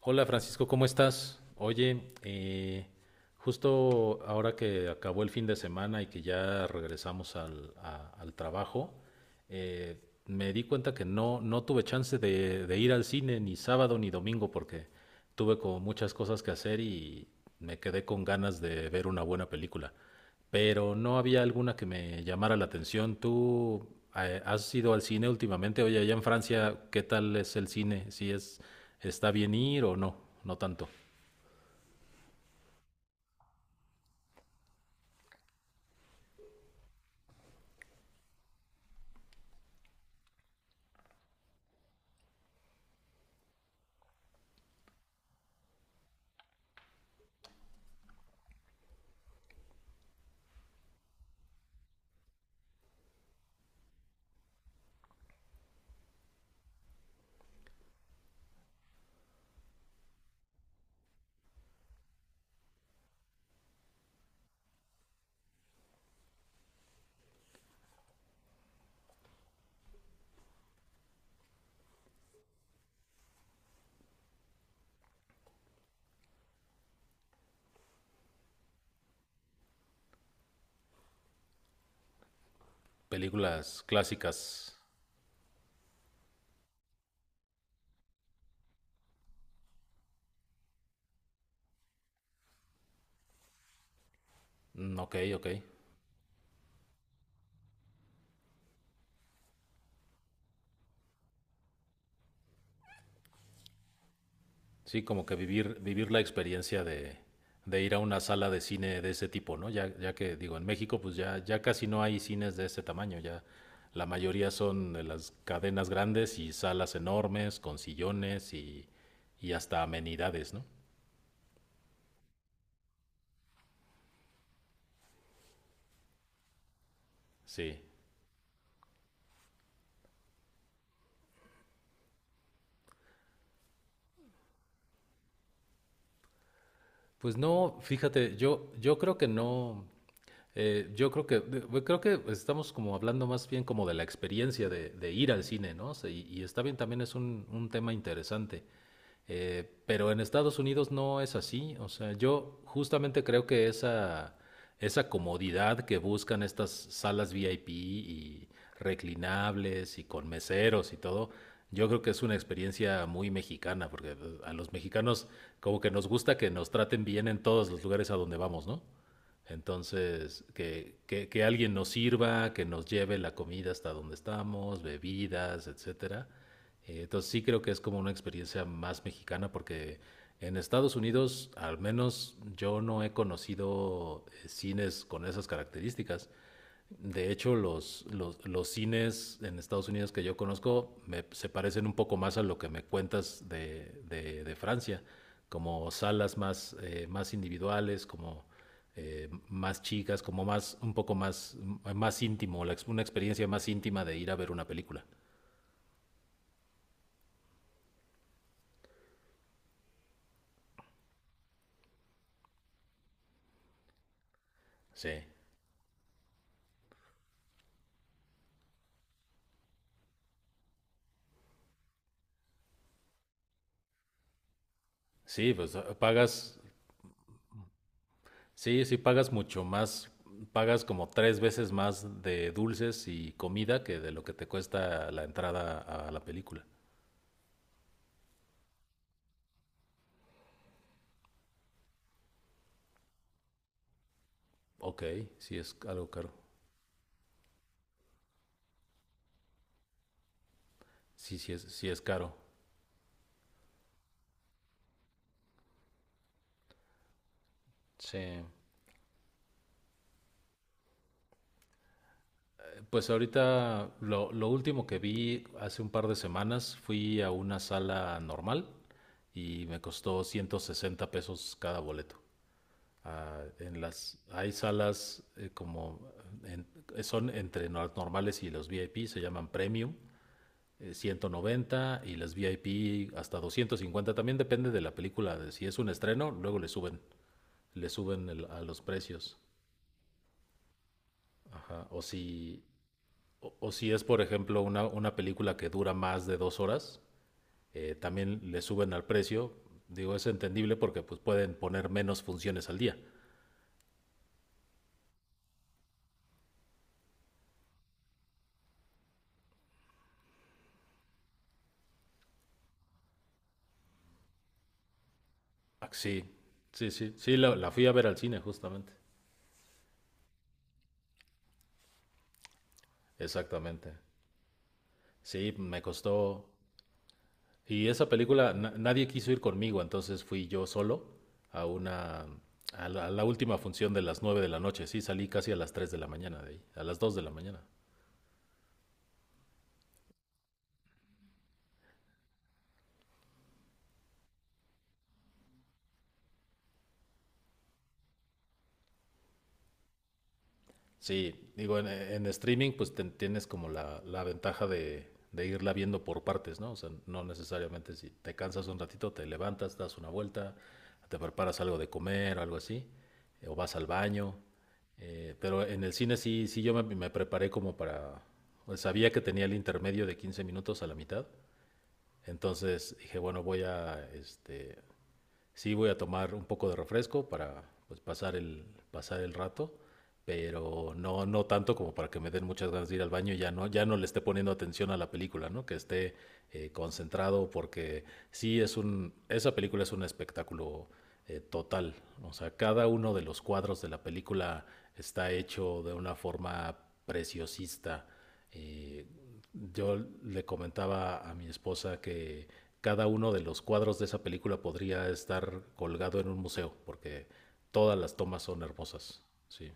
Hola Francisco, ¿cómo estás? Oye, justo ahora que acabó el fin de semana y que ya regresamos al trabajo, eh, me di cuenta que no tuve chance de ir al cine ni sábado ni domingo porque tuve como muchas cosas que hacer y me quedé con ganas de ver una buena película pero no había alguna que me llamara la atención. ¿Tú has ido al cine últimamente? Oye, allá en Francia, ¿qué tal es el cine? ¿Si es está bien ir o no? No tanto. Películas clásicas. Mm, ok, ok. Sí, como que vivir la experiencia de ir a una sala de cine de ese tipo, ¿no? Ya que digo, en México pues ya casi no hay cines de ese tamaño, ya la mayoría son de las cadenas grandes y salas enormes con sillones y hasta amenidades, ¿no? Sí. Pues no, fíjate, yo creo que no, yo creo que, bueno, creo que estamos como hablando más bien como de la experiencia de ir al cine, ¿no? O sea, y está bien, también es un tema interesante. Pero en Estados Unidos no es así. O sea, yo justamente creo que esa comodidad que buscan estas salas VIP y reclinables y con meseros y todo, yo creo que es una experiencia muy mexicana, porque a los mexicanos como que nos gusta que nos traten bien en todos los lugares a donde vamos, ¿no? Entonces, que alguien nos sirva, que nos lleve la comida hasta donde estamos, bebidas, etcétera. Entonces sí creo que es como una experiencia más mexicana porque en Estados Unidos al menos yo no he conocido cines con esas características. De hecho, los cines en Estados Unidos que yo conozco se parecen un poco más a lo que me cuentas de Francia, como salas más, más individuales, como más chicas, como un poco más, más íntimo, una experiencia más íntima de ir a ver una película. Sí. Sí, pues pagas, sí pagas mucho más, pagas como tres veces más de dulces y comida que de lo que te cuesta la entrada a la película. Ok, sí es algo caro. Sí es caro. Sí. Pues ahorita lo último que vi hace un par de semanas fui a una sala normal y me costó 160 pesos cada boleto. Ah, en las, hay salas como en- son entre las normales y los VIP, se llaman Premium, 190 y las VIP hasta 250. También depende de la película, de si es un estreno, luego le suben a los precios. Ajá, o si, o si es, por ejemplo, una película que dura más de dos horas, también le suben al precio. Digo, es entendible porque pues, pueden poner menos funciones al día. Ah, sí, sí, sí, la, la fui a ver al cine justamente, exactamente. Sí, me costó. Y esa película, nadie quiso ir conmigo, entonces fui yo solo a una, a la última función de las 9 de la noche. Sí, salí casi a las 3 de la mañana de ahí, a las 2 de la mañana. Sí, digo, en streaming pues tienes como la ventaja de irla viendo por partes, ¿no? O sea, no necesariamente si te cansas un ratito, te levantas, das una vuelta, te preparas algo de comer, algo así, o vas al baño. Pero en el cine sí, sí yo me preparé como para... pues, sabía que tenía el intermedio de 15 minutos a la mitad, entonces dije, bueno, voy a, este, sí voy a tomar un poco de refresco para pues, pasar el rato, pero no, no tanto como para que me den muchas ganas de ir al baño y ya no, ya no le esté poniendo atención a la película, ¿no? Que esté concentrado porque sí es un, esa película es un espectáculo total. O sea, cada uno de los cuadros de la película está hecho de una forma preciosista. eh, yo le comentaba a mi esposa que cada uno de los cuadros de esa película podría estar colgado en un museo, porque todas las tomas son hermosas. Sí.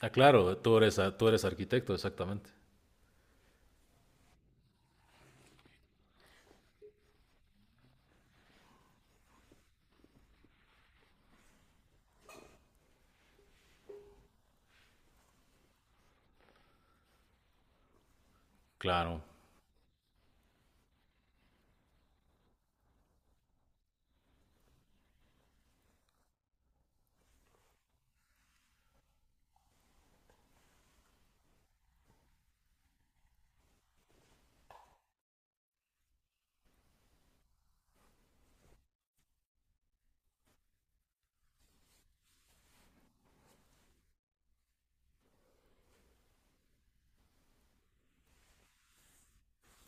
Ah, claro, tú eres arquitecto, exactamente. Claro,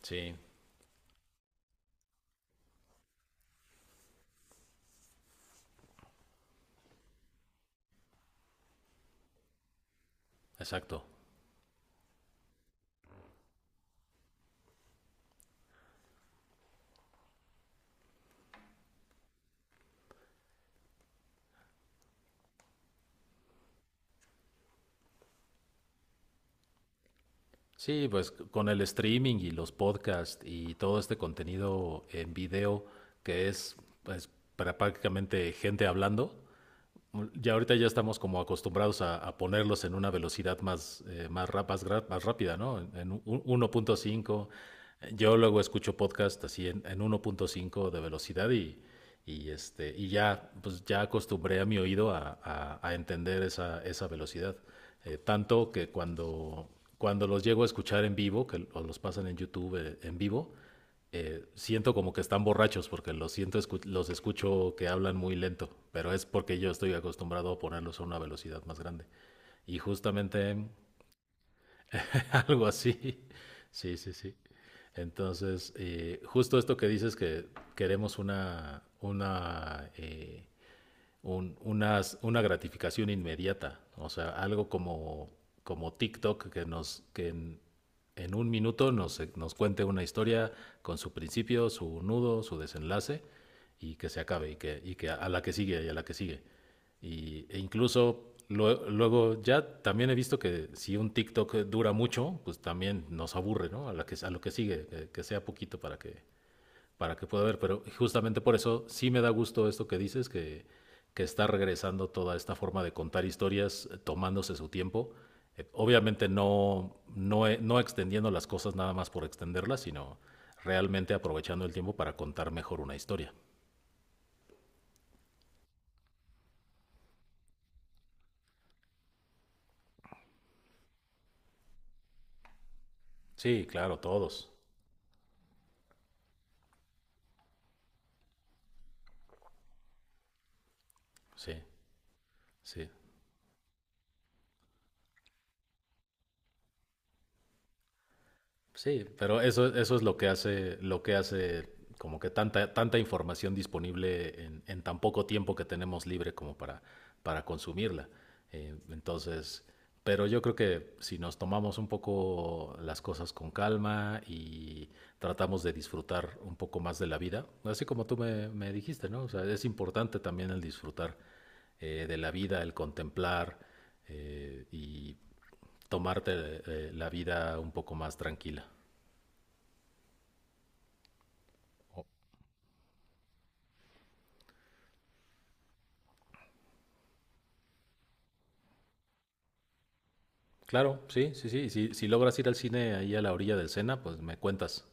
sí, exacto. Sí, pues con el streaming y los podcasts y todo este contenido en video que es pues, para prácticamente gente hablando, ya ahorita ya estamos como acostumbrados a ponerlos en una velocidad más, más rápida, ¿no? En 1.5. Yo luego escucho podcast así en 1.5 de velocidad este, y ya, pues ya acostumbré a mi oído a, a entender esa, esa velocidad. Tanto que cuando, cuando los llego a escuchar en vivo, que o los pasan en YouTube en vivo, siento como que están borrachos porque los siento los escucho que hablan muy lento, pero es porque yo estoy acostumbrado a ponerlos a una velocidad más grande. Y justamente algo así. Sí, sí, sí. Entonces, justo esto que dices que queremos una una gratificación inmediata, o sea, algo como, como TikTok que nos que en un minuto nos cuente una historia con su principio, su nudo, su desenlace y que se acabe y que a la que sigue y a la que sigue. Y, e incluso luego ya también he visto que si un TikTok dura mucho, pues también nos aburre, ¿no? A lo que sigue, que sea poquito para que pueda ver, pero justamente por eso sí me da gusto esto que dices, que está regresando toda esta forma de contar historias tomándose su tiempo. Obviamente no extendiendo las cosas nada más por extenderlas, sino realmente aprovechando el tiempo para contar mejor una historia. Sí, claro, todos. Sí, sí. Sí, pero eso es lo que hace como que tanta, tanta información disponible en tan poco tiempo que tenemos libre como para consumirla. Entonces, pero yo creo que si nos tomamos un poco las cosas con calma y tratamos de disfrutar un poco más de la vida, así como tú me dijiste, ¿no? O sea, es importante también el disfrutar de la vida, el contemplar y tomarte de la vida un poco más tranquila. Claro, sí, sí, sí. Si, si logras ir al cine ahí a la orilla del Sena, pues me cuentas.